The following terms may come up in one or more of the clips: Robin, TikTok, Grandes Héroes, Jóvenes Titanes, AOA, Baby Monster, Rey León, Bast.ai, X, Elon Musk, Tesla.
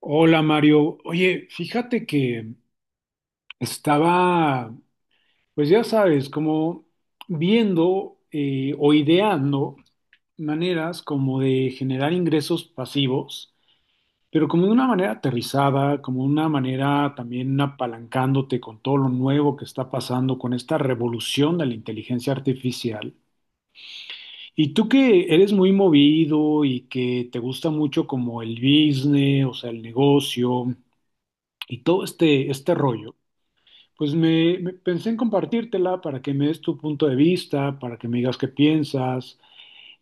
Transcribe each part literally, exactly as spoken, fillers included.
Hola Mario, oye, fíjate que estaba, pues ya sabes, como viendo eh, o ideando maneras como de generar ingresos pasivos, pero como de una manera aterrizada, como una manera también apalancándote con todo lo nuevo que está pasando con esta revolución de la inteligencia artificial. Y tú que eres muy movido y que te gusta mucho como el business, o sea, el negocio y todo este, este rollo. Pues me, me- pensé en compartírtela para que me des tu punto de vista, para que me digas qué piensas.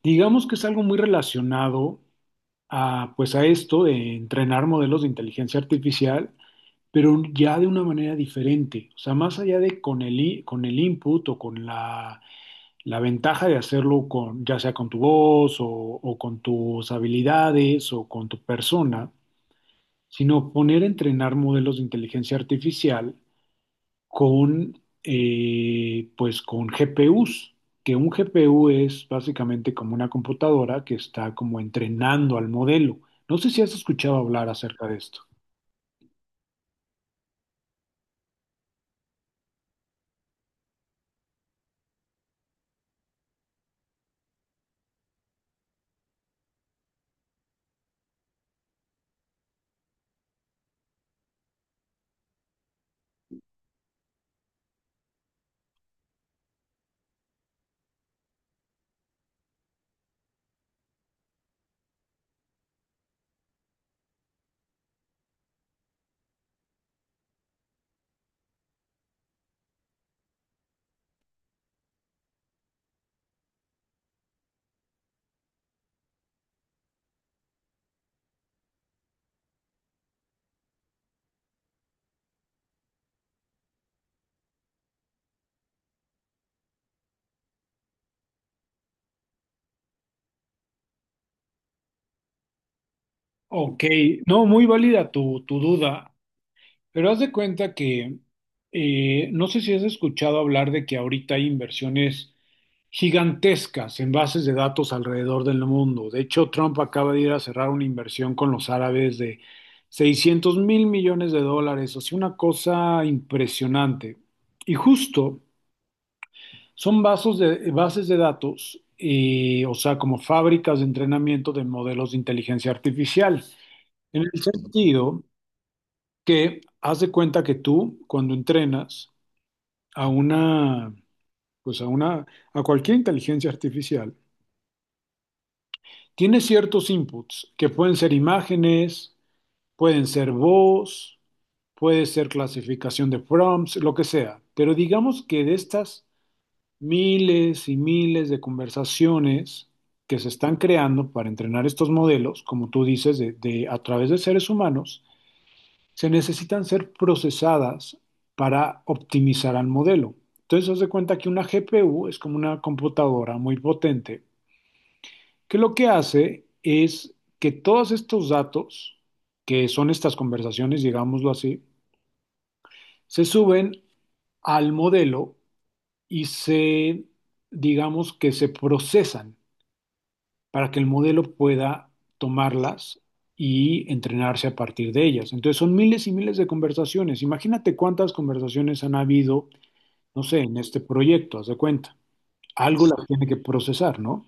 Digamos que es algo muy relacionado a, pues a esto de entrenar modelos de inteligencia artificial, pero ya de una manera diferente. O sea, más allá de con el, i- con el input o con la, la ventaja de hacerlo con, ya sea con tu voz o, o con tus habilidades o con tu persona, sino poner a entrenar modelos de inteligencia artificial con, eh, pues con G P Us, que un G P U es básicamente como una computadora que está como entrenando al modelo. No sé si has escuchado hablar acerca de esto. Ok, no, muy válida tu, tu duda. Pero haz de cuenta que eh, no sé si has escuchado hablar de que ahorita hay inversiones gigantescas en bases de datos alrededor del mundo. De hecho, Trump acaba de ir a cerrar una inversión con los árabes de seiscientos mil millones de dólares, o sea, una cosa impresionante. Y justo son bases de, bases de datos, eh, o sea, como fábricas de entrenamiento de modelos de inteligencia artificial. En el sentido que haz de cuenta que tú, cuando entrenas a una, pues a una, a cualquier inteligencia artificial, tiene ciertos inputs que pueden ser imágenes, pueden ser voz, puede ser clasificación de prompts, lo que sea. Pero digamos que de estas miles y miles de conversaciones que se están creando para entrenar estos modelos, como tú dices, de, de- a través de seres humanos, se necesitan ser procesadas para optimizar al modelo. Entonces, haz de cuenta que una G P U es como una computadora muy potente, que lo que hace es que todos estos datos, que son estas conversaciones, digámoslo así, se suben al modelo y se, digamos que se procesan para que el modelo pueda tomarlas y entrenarse a partir de ellas. Entonces son miles y miles de conversaciones. Imagínate cuántas conversaciones han habido, no sé, en este proyecto, haz de cuenta. Algo las tiene que procesar, ¿no?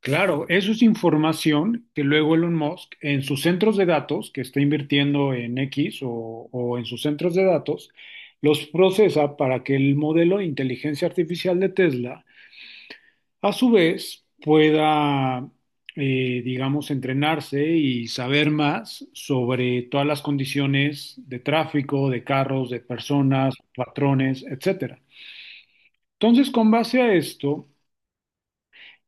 Claro, eso es información que luego Elon Musk en sus centros de datos, que está invirtiendo en X o, o en sus centros de datos, los procesa para que el modelo de inteligencia artificial de Tesla, a su vez, pueda, eh, digamos, entrenarse y saber más sobre todas las condiciones de tráfico, de carros, de personas, patrones, etcétera. Entonces, con base a esto,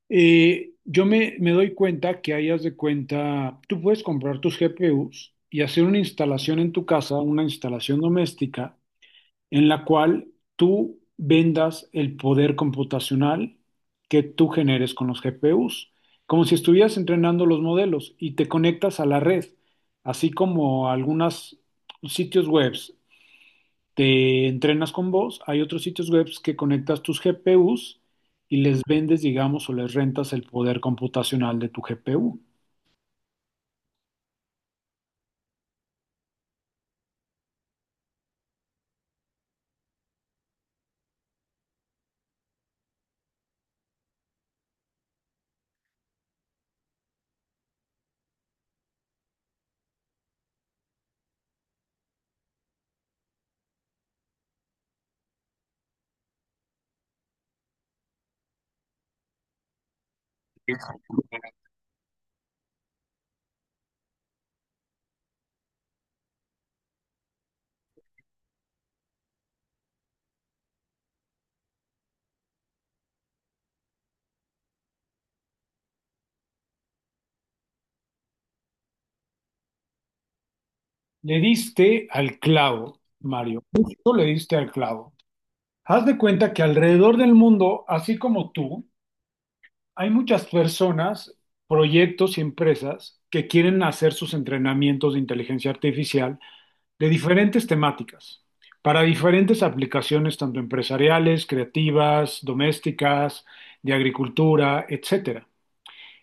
eh, yo me, me doy cuenta que hayas de cuenta, tú puedes comprar tus G P Us y hacer una instalación en tu casa, una instalación doméstica en la cual tú vendas el poder computacional que tú generes con los G P Us, como si estuvieras entrenando los modelos y te conectas a la red, así como algunos sitios webs te entrenas con vos, hay otros sitios webs que conectas tus G P Us y les vendes, digamos, o les rentas el poder computacional de tu G P U. Le diste al clavo, Mario. Justo le diste al clavo. Haz de cuenta que alrededor del mundo, así como tú, hay muchas personas, proyectos y empresas que quieren hacer sus entrenamientos de inteligencia artificial de diferentes temáticas, para diferentes aplicaciones, tanto empresariales, creativas, domésticas, de agricultura, etcétera.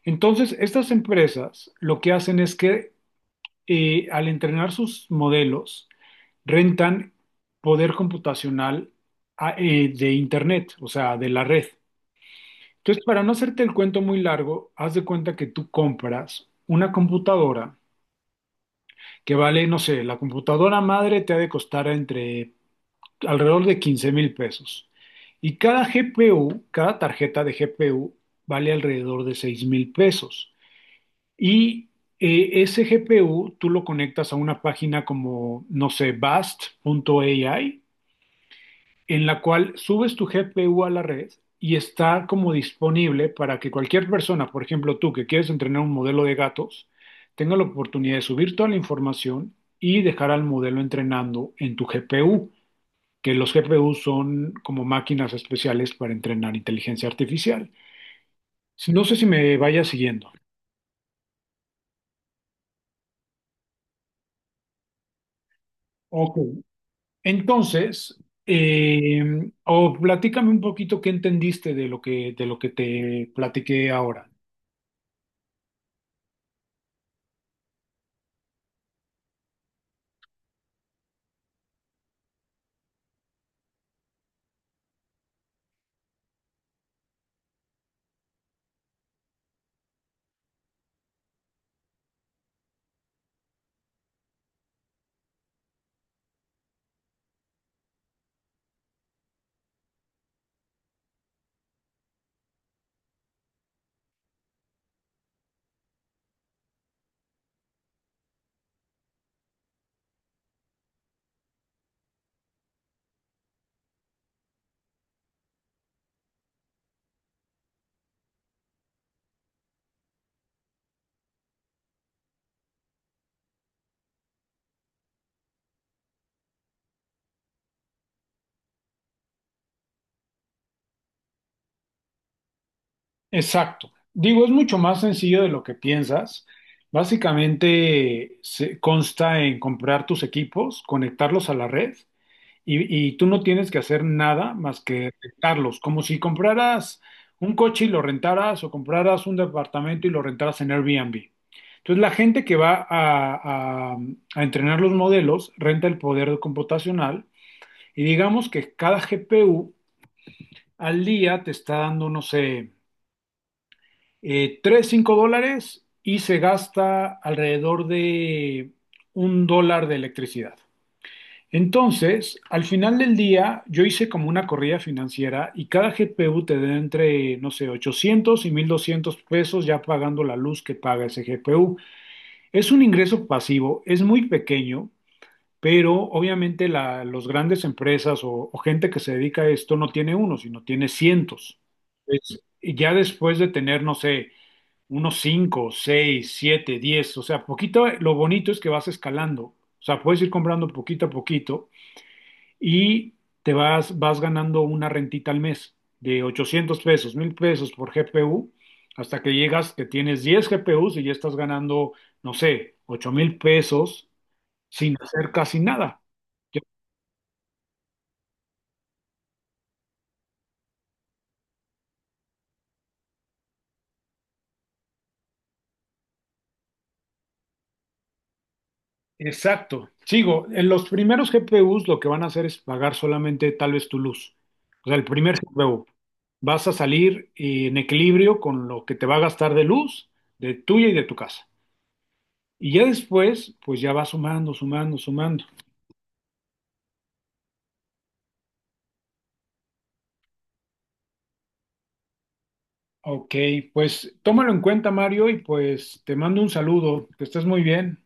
Entonces, estas empresas lo que hacen es que eh, al entrenar sus modelos, rentan poder computacional a- eh, de Internet, o sea, de la red. Entonces, para no hacerte el cuento muy largo, haz de cuenta que tú compras una computadora que vale, no sé, la computadora madre te ha de costar entre alrededor de quince mil pesos. Y cada G P U, cada tarjeta de G P U vale alrededor de seis mil pesos. Y eh, ese G P U tú lo conectas a una página como, no sé, bast punto ai en la cual subes tu G P U a la red y está como disponible para que cualquier persona, por ejemplo tú que quieres entrenar un modelo de gatos, tenga la oportunidad de subir toda la información y dejar al modelo entrenando en tu G P U, que los G P U son como máquinas especiales para entrenar inteligencia artificial. No sé si me vaya siguiendo. Ok. Entonces, eh, o platícame un poquito qué entendiste de lo que, de lo que te platiqué ahora. Exacto. Digo, es mucho más sencillo de lo que piensas. Básicamente se consta en comprar tus equipos, conectarlos a la red y, y tú no tienes que hacer nada más que rentarlos, como si compraras un coche y lo rentaras o compraras un departamento y lo rentaras en Airbnb. Entonces la gente que va a, a- a entrenar los modelos renta el poder computacional y digamos que cada G P U al día te está dando, no sé, eh, tres, cinco dólares y se gasta alrededor de un dólar de electricidad. Entonces, al final del día, yo hice como una corrida financiera y cada G P U te da entre, no sé, ochocientos y mil doscientos pesos ya pagando la luz que paga ese G P U. Es un ingreso pasivo, es muy pequeño, pero obviamente la, los grandes empresas o, o gente que se dedica a esto no tiene uno, sino tiene cientos. Es- y ya después de tener, no sé, unos cinco, seis, siete, diez, o sea, poquito, lo bonito es que vas escalando, o sea, puedes ir comprando poquito a poquito y te vas, vas ganando una rentita al mes de ochocientos pesos, mil pesos por G P U, hasta que llegas que tienes diez G P Us y ya estás ganando, no sé, ocho mil pesos sin hacer casi nada. Exacto. Sigo, en los primeros G P Us lo que van a hacer es pagar solamente tal vez tu luz. O sea, el primer G P U. Vas a salir eh, en equilibrio con lo que te va a gastar de luz, de tuya y de tu casa. Y ya después, pues ya va sumando, sumando, sumando. Ok, pues tómalo en cuenta, Mario, y pues te mando un saludo. Que estés muy bien.